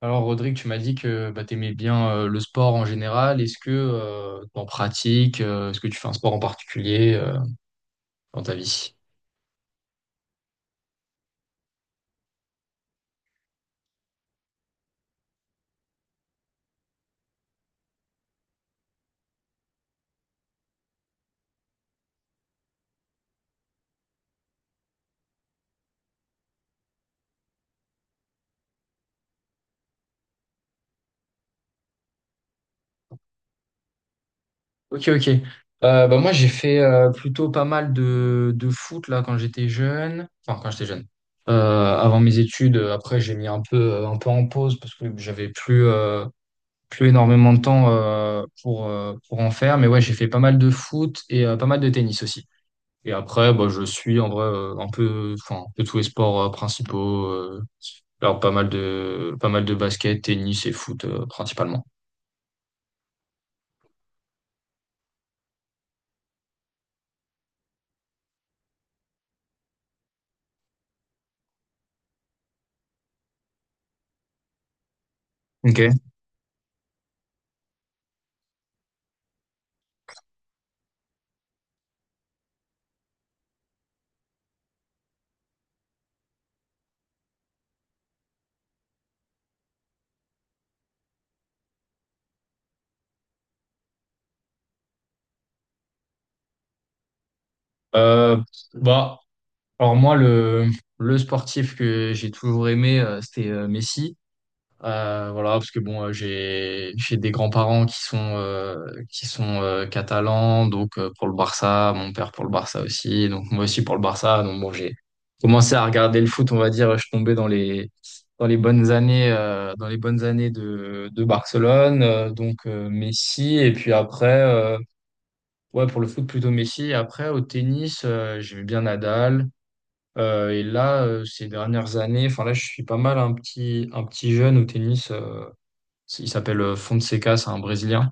Alors, Rodrigue, tu m'as dit que bah, tu aimais bien le sport en général. Est-ce que tu en pratiques? Est-ce que tu fais un sport en particulier dans ta vie? Ok, ok. Bah, moi, j'ai fait plutôt pas mal de foot là, quand j'étais jeune. Enfin, quand j'étais jeune. Avant mes études, après, j'ai mis un peu en pause parce que j'avais plus énormément de temps pour en faire. Mais ouais, j'ai fait pas mal de foot et pas mal de tennis aussi. Et après, bah, je suis en vrai enfin un peu tous les sports principaux. Alors pas mal de basket, tennis et foot principalement. Ok. Euh, Bah, alors moi le sportif que j'ai toujours aimé, c'était Messi. Voilà, parce que bon, j'ai j'ai des grands-parents qui sont catalans, donc pour le Barça, mon père pour le Barça aussi, donc moi aussi pour le Barça. Donc bon, j'ai commencé à regarder le foot, on va dire, je tombais dans les bonnes années de Barcelone, donc Messi et puis après, ouais pour le foot plutôt Messi. Et après au tennis, j'aimais bien Nadal. Et là, ces dernières années, enfin là, je suis pas mal un petit jeune au tennis. Il s'appelle Fonseca, c'est un Brésilien.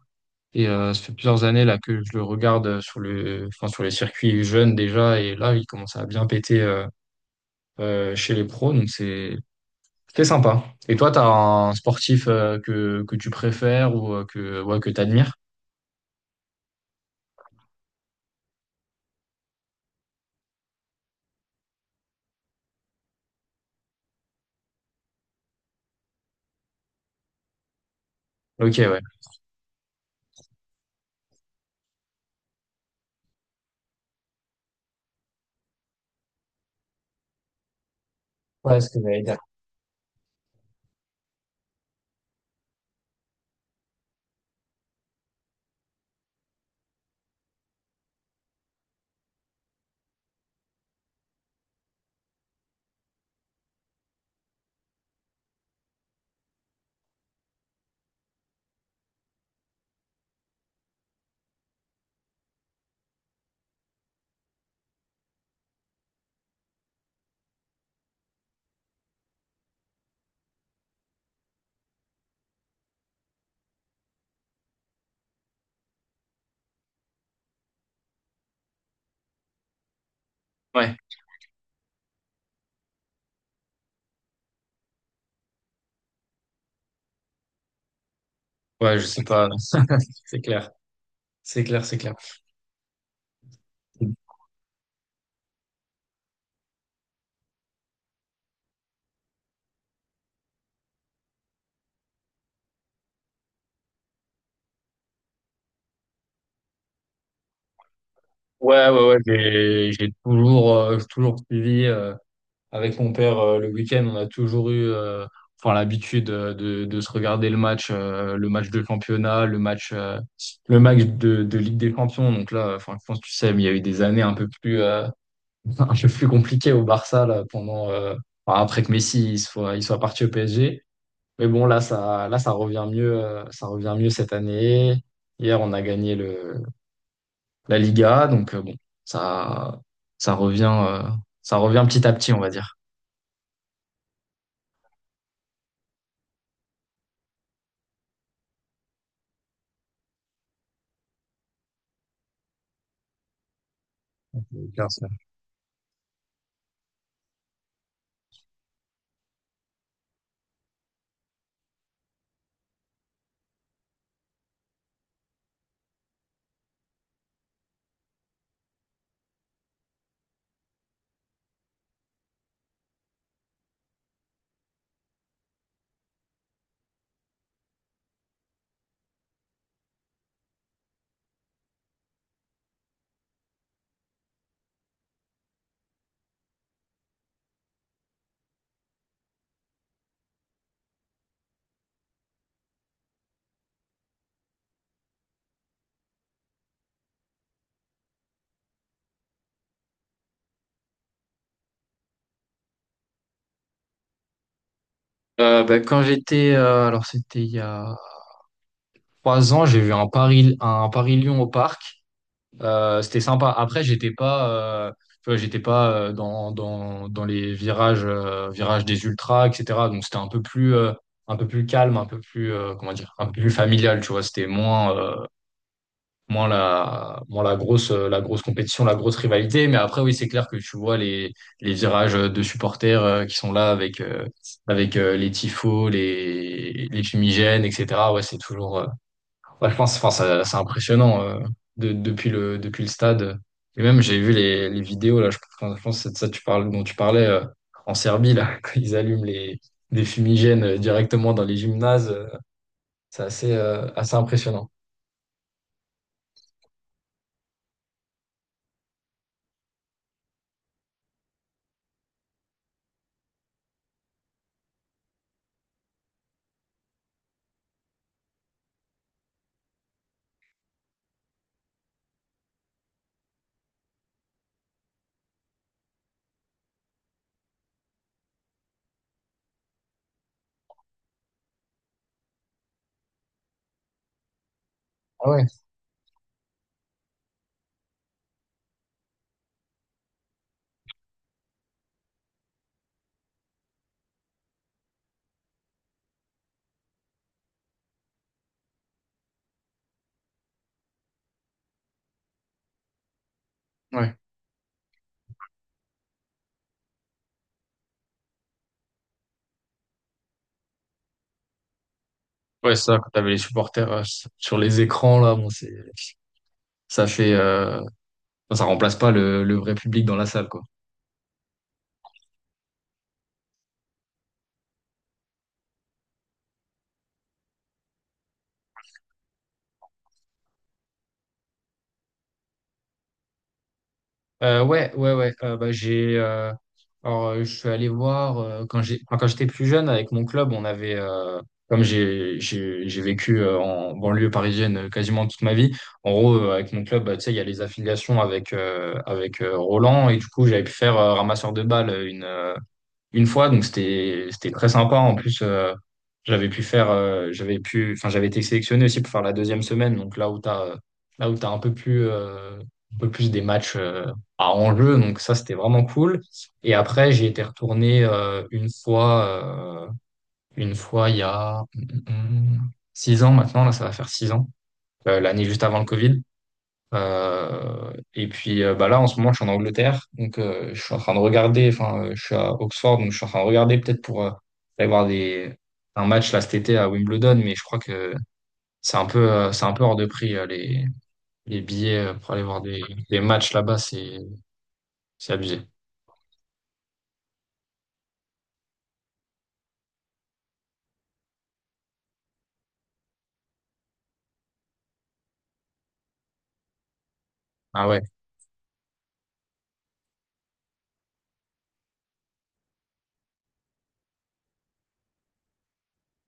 Et ça fait plusieurs années là que je le regarde enfin sur les circuits jeunes déjà. Et là, il commence à bien péter chez les pros. Donc c'est sympa. Et toi, t'as un sportif que tu préfères ou ouais, que t'admires? Ok, ouais. Ouais, ce que j'allais dire. Ouais, ouais, je sais pas, non, c'est c'est clair, c'est clair. Ouais, ouais, ouais, j'ai toujours, toujours suivi. Avec mon père, le week-end, on a toujours eu enfin, l'habitude de se regarder le match de championnat, le match de Ligue des Champions. Donc là, enfin, je pense que tu sais, mais il y a eu des années un peu plus, un peu plus compliquées au Barça là, enfin, après que Messi il soit parti au PSG. Mais bon, là, ça revient mieux, ça revient mieux cette année. Hier, on a gagné la Liga, donc bon, ça, ça revient, ça revient petit à petit, on va dire. Ben, quand j'étais, alors c'était il y a 3 ans, j'ai vu un Paris-Lyon au parc. C'était sympa. Après, j'étais pas, euh, tu vois, j'étais pas dans les virages, virages des ultras, etc. Donc c'était un peu plus calme, comment dire, un peu plus familial, tu vois. C'était moins la grosse compétition, la grosse rivalité. Mais après, oui, c'est clair que tu vois les virages de supporters qui sont là avec, avec les tifos, les fumigènes, etc. Ouais, c'est toujours, ouais, je pense, enfin, c'est impressionnant depuis le stade. Et même, j'ai vu les vidéos, là, enfin, je pense que c'est de ça que tu parles, dont tu parlais en Serbie, là, quand ils allument des fumigènes directement dans les gymnases. C'est assez impressionnant. Ah ouais. Ouais, c'est ça, quand t'avais les supporters sur les écrans, là, bon, ça fait, euh, ça remplace pas le vrai public dans la salle, quoi. Ouais, ouais, ouais, bah, je suis allé voir, quand quand j'étais plus jeune, avec mon club, on avait, comme j'ai vécu en banlieue parisienne quasiment toute ma vie, en gros, avec mon club, bah, tu sais, il y a les affiliations avec, avec Roland, et du coup, j'avais pu faire ramasseur de balles, une fois, donc c'était très sympa. En plus, j'avais pu faire, j'avais pu, enfin j'avais été sélectionné aussi pour faire la deuxième semaine, donc là où t'as un peu plus des matchs à enjeu, donc ça c'était vraiment cool. Et après j'ai été retourné une fois il y a 6 ans maintenant, là ça va faire 6 ans, l'année juste avant le Covid. Et puis bah là, en ce moment, je suis en Angleterre. Donc, je suis en train de regarder. Enfin, je suis à Oxford. Donc, je suis en train de regarder peut-être pour aller voir un match là cet été à Wimbledon. Mais je crois que c'est un peu hors de prix les billets pour aller voir des matchs là-bas. C'est abusé. Ah ouais.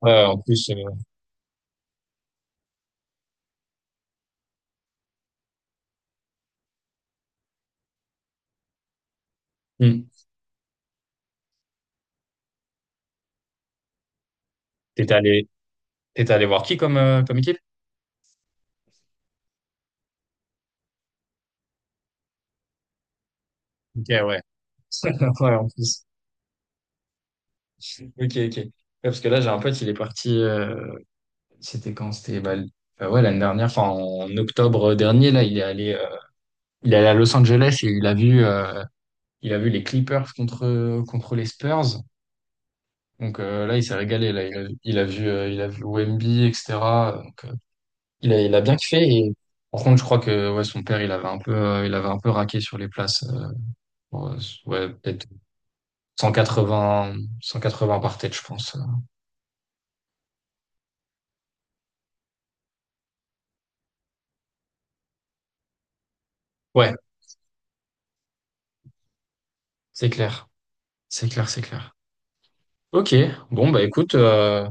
Ouais, en plus, hmm. T'étais allé, t'étais allé voir qui comme équipe? Ok, ouais. Ouais, en plus. Ok, ok. Ouais, parce que là, j'ai un pote, il est parti. C'était quand? C'était bah, ouais, l'année dernière, enfin en octobre dernier, là, il est allé à Los Angeles et il a vu les Clippers contre les Spurs. Donc là, il s'est régalé. Là, il a vu Wemby, etc. Donc, il a bien kiffé. Et, par contre, je crois que ouais, son père, il avait un peu, il avait un peu raqué sur les places. Pour, ouais, peut-être 180, 180 par tête, je pense. Ouais, c'est clair, c'est clair, c'est clair. Ok, bon bah écoute.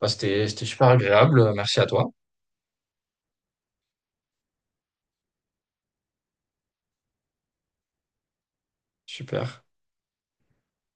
Bah, c'était super agréable. Merci à toi. Super.